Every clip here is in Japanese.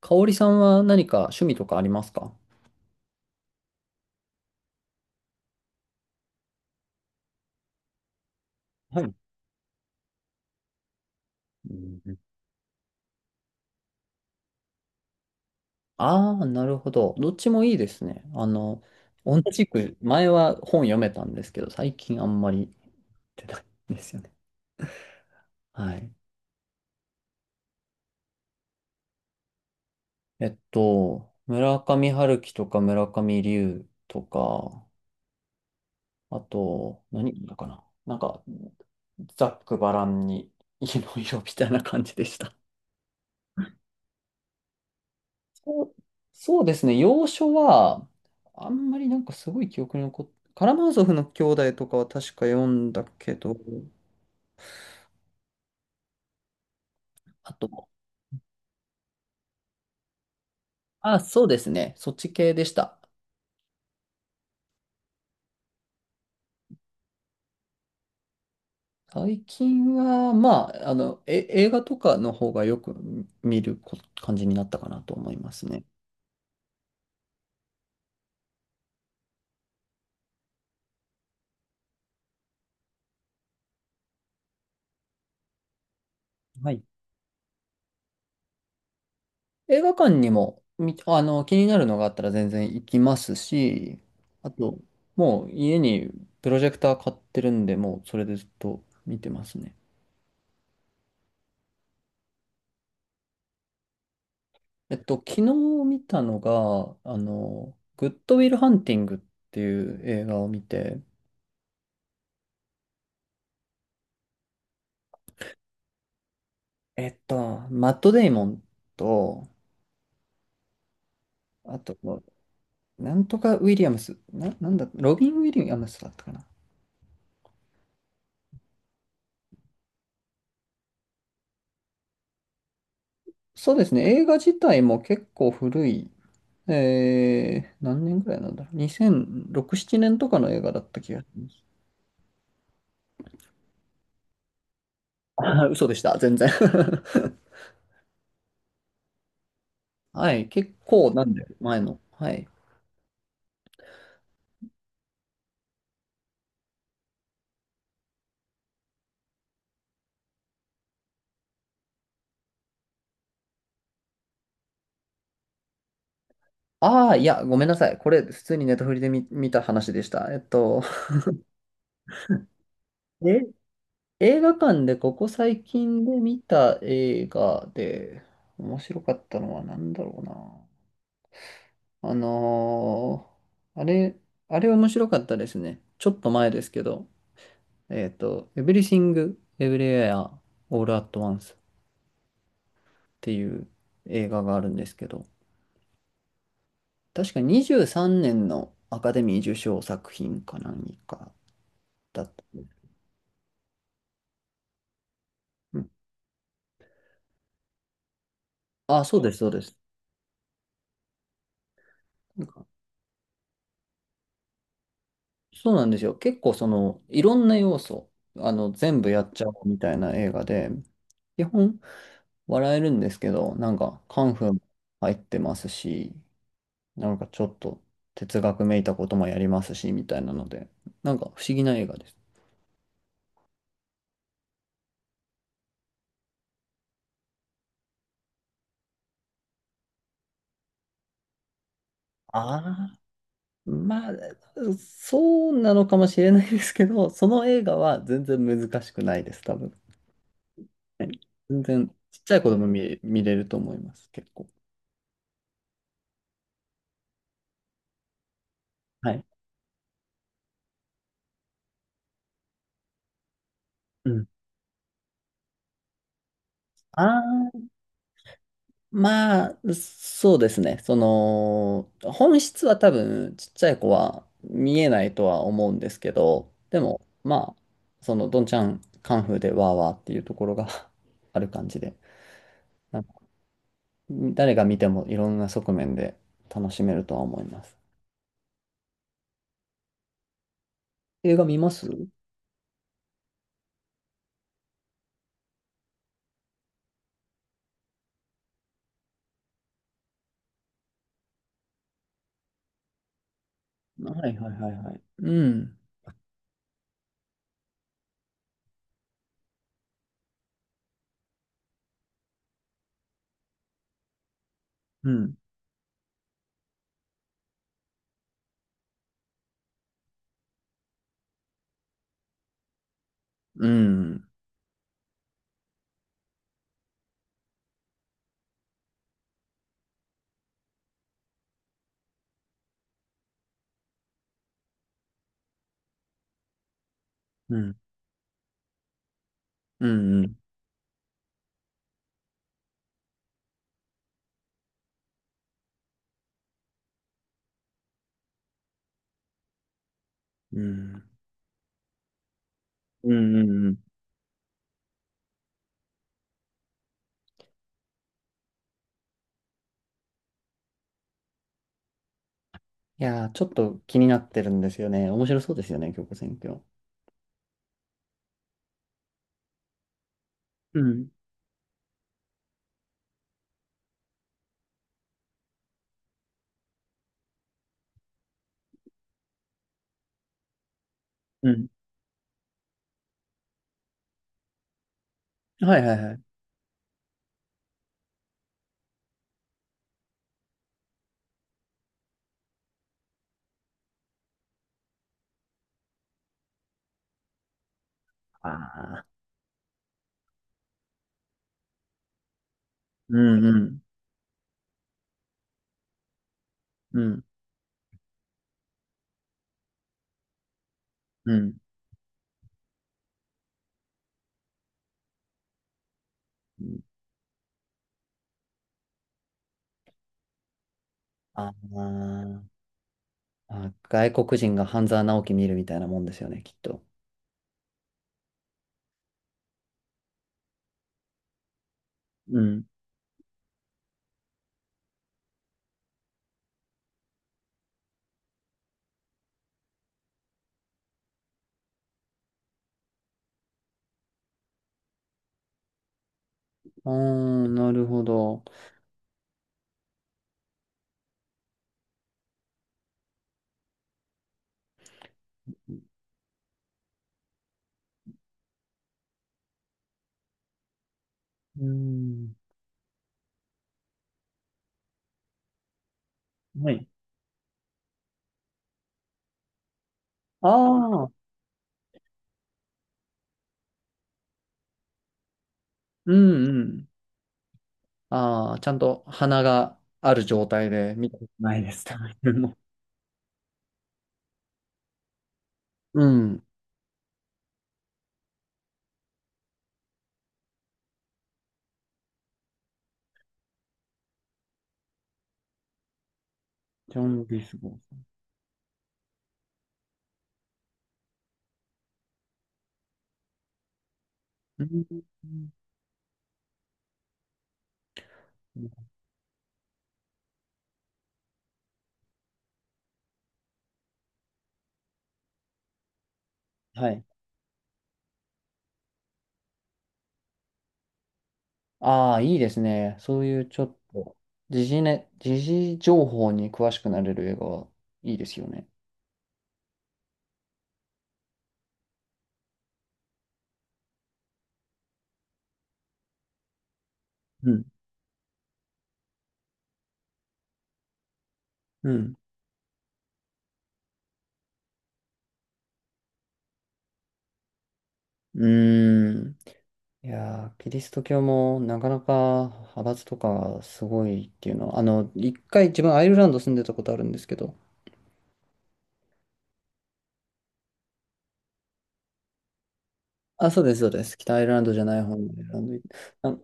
香織さんは何か趣味とかありますか？はい。ああー、なるほど。どっちもいいですね。同じく、前は本読めたんですけど、最近あんまり出ないんですよね。はい。村上春樹とか村上龍とか、あと、何だかな。なんか、ざっくばらんに、いろいろみたいな感じでした。そうそうですね、洋書は、あんまりなんかすごい記憶に残ってカラマーゾフの兄弟とかは確か読んだけど、あと、あ、そうですね、そっち系でした。最近は、まあ、映画とかの方がよく見る感じになったかなと思いますね。はい。映画館にも、気になるのがあったら全然行きますし、あと、もう家にプロジェクター買ってるんで、もうそれでずっと見てますね。昨日見たのが、グッドウィルハンティングっていう映画を見て、えっと、マット・デイモンと、あと、なんとかウィリアムス、なんだ、ロビン・ウィリアムスだったかな。そうですね、映画自体も結構古い、何年ぐらいなんだろう、2006、7年とかの映画だった気がします。あ嘘でした、全然 はい、結構なんで、前の。はい。ああ、いや、ごめんなさい。これ、普通にネタフリで見た話でした。え、映画館でここ最近で見た映画で面白かったのは何だろうな。ーあれ、あれ面白かったですね。ちょっと前ですけど、Everything, Everywhere, All at Once っていう映画があるんですけど、確か23年のアカデミー受賞作品か何かだった。うん、あ、そうです、そうです。なんか、そうなんですよ。結構その、いろんな要素、全部やっちゃおうみたいな映画で、基本笑えるんですけど、なんかカンフーも入ってますし、なんかちょっと哲学めいたこともやりますし、みたいなので、なんか不思議な映画です。ああ、まあ、そうなのかもしれないですけど、その映画は全然難しくないです、多分。はい。全然ちっちゃい子供見れると思います、結構。はい。うん。ああ、まあ、そうですね。その、本質は多分、ちっちゃい子は見えないとは思うんですけど、でも、まあ、その、どんちゃんカンフーでわーわーっていうところが ある感じで、なんか誰が見てもいろんな側面で楽しめるとは思います。映画見ます。はいはいはいはい。うん、うん、うん、うん、うん、うん、うん、うん、うん。いやー、ちょっと気になってるんですよね。面白そうですよね、京子選挙。うんうん。はいはいはい。ああ、うんうん、うん、うん。うん。あーあ、外国人が半沢直樹見るみたいなもんですよね、きっと。うん。ああ、なるほど。うん。はい。ああ、うんうん。ああ、ちゃんと鼻がある状態で見たことないです。多分。うん。ジョン・リスゴーさん。うん。はい。ああ、いいですね。そういうちょっと、時事情報に詳しくなれる映画はいいですよね。うん。うん。うーん。いやー、キリスト教もなかなか派閥とかがすごいっていうのは、1回自分アイルランド住んでたことあるんですけど、あ、そうです、そうです。北アイルランドじゃない方のアイルランドに、あ、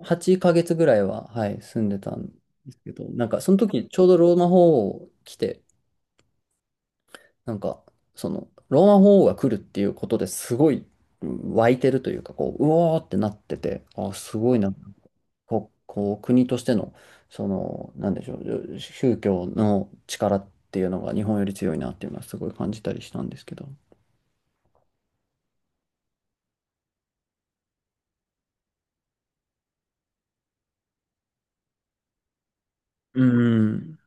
8ヶ月ぐらいは、はい、住んでたんですけど、なんかその時ちょうどローマ法王来て、なんか、その、ローマ法王が来るっていうことですごいうん湧いてるというか、こう、うおーってなってて、あ、すごいな、こう、国としての、その、なんでしょう、宗教の力っていうのが日本より強いなっていうのはすごい感じたりしたんですけど。うん。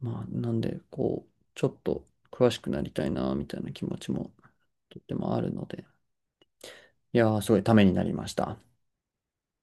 まあ、なんで、こう、ちょっと詳しくなりたいな、みたいな気持ちもとってもあるので、いやー、すごいためになりました。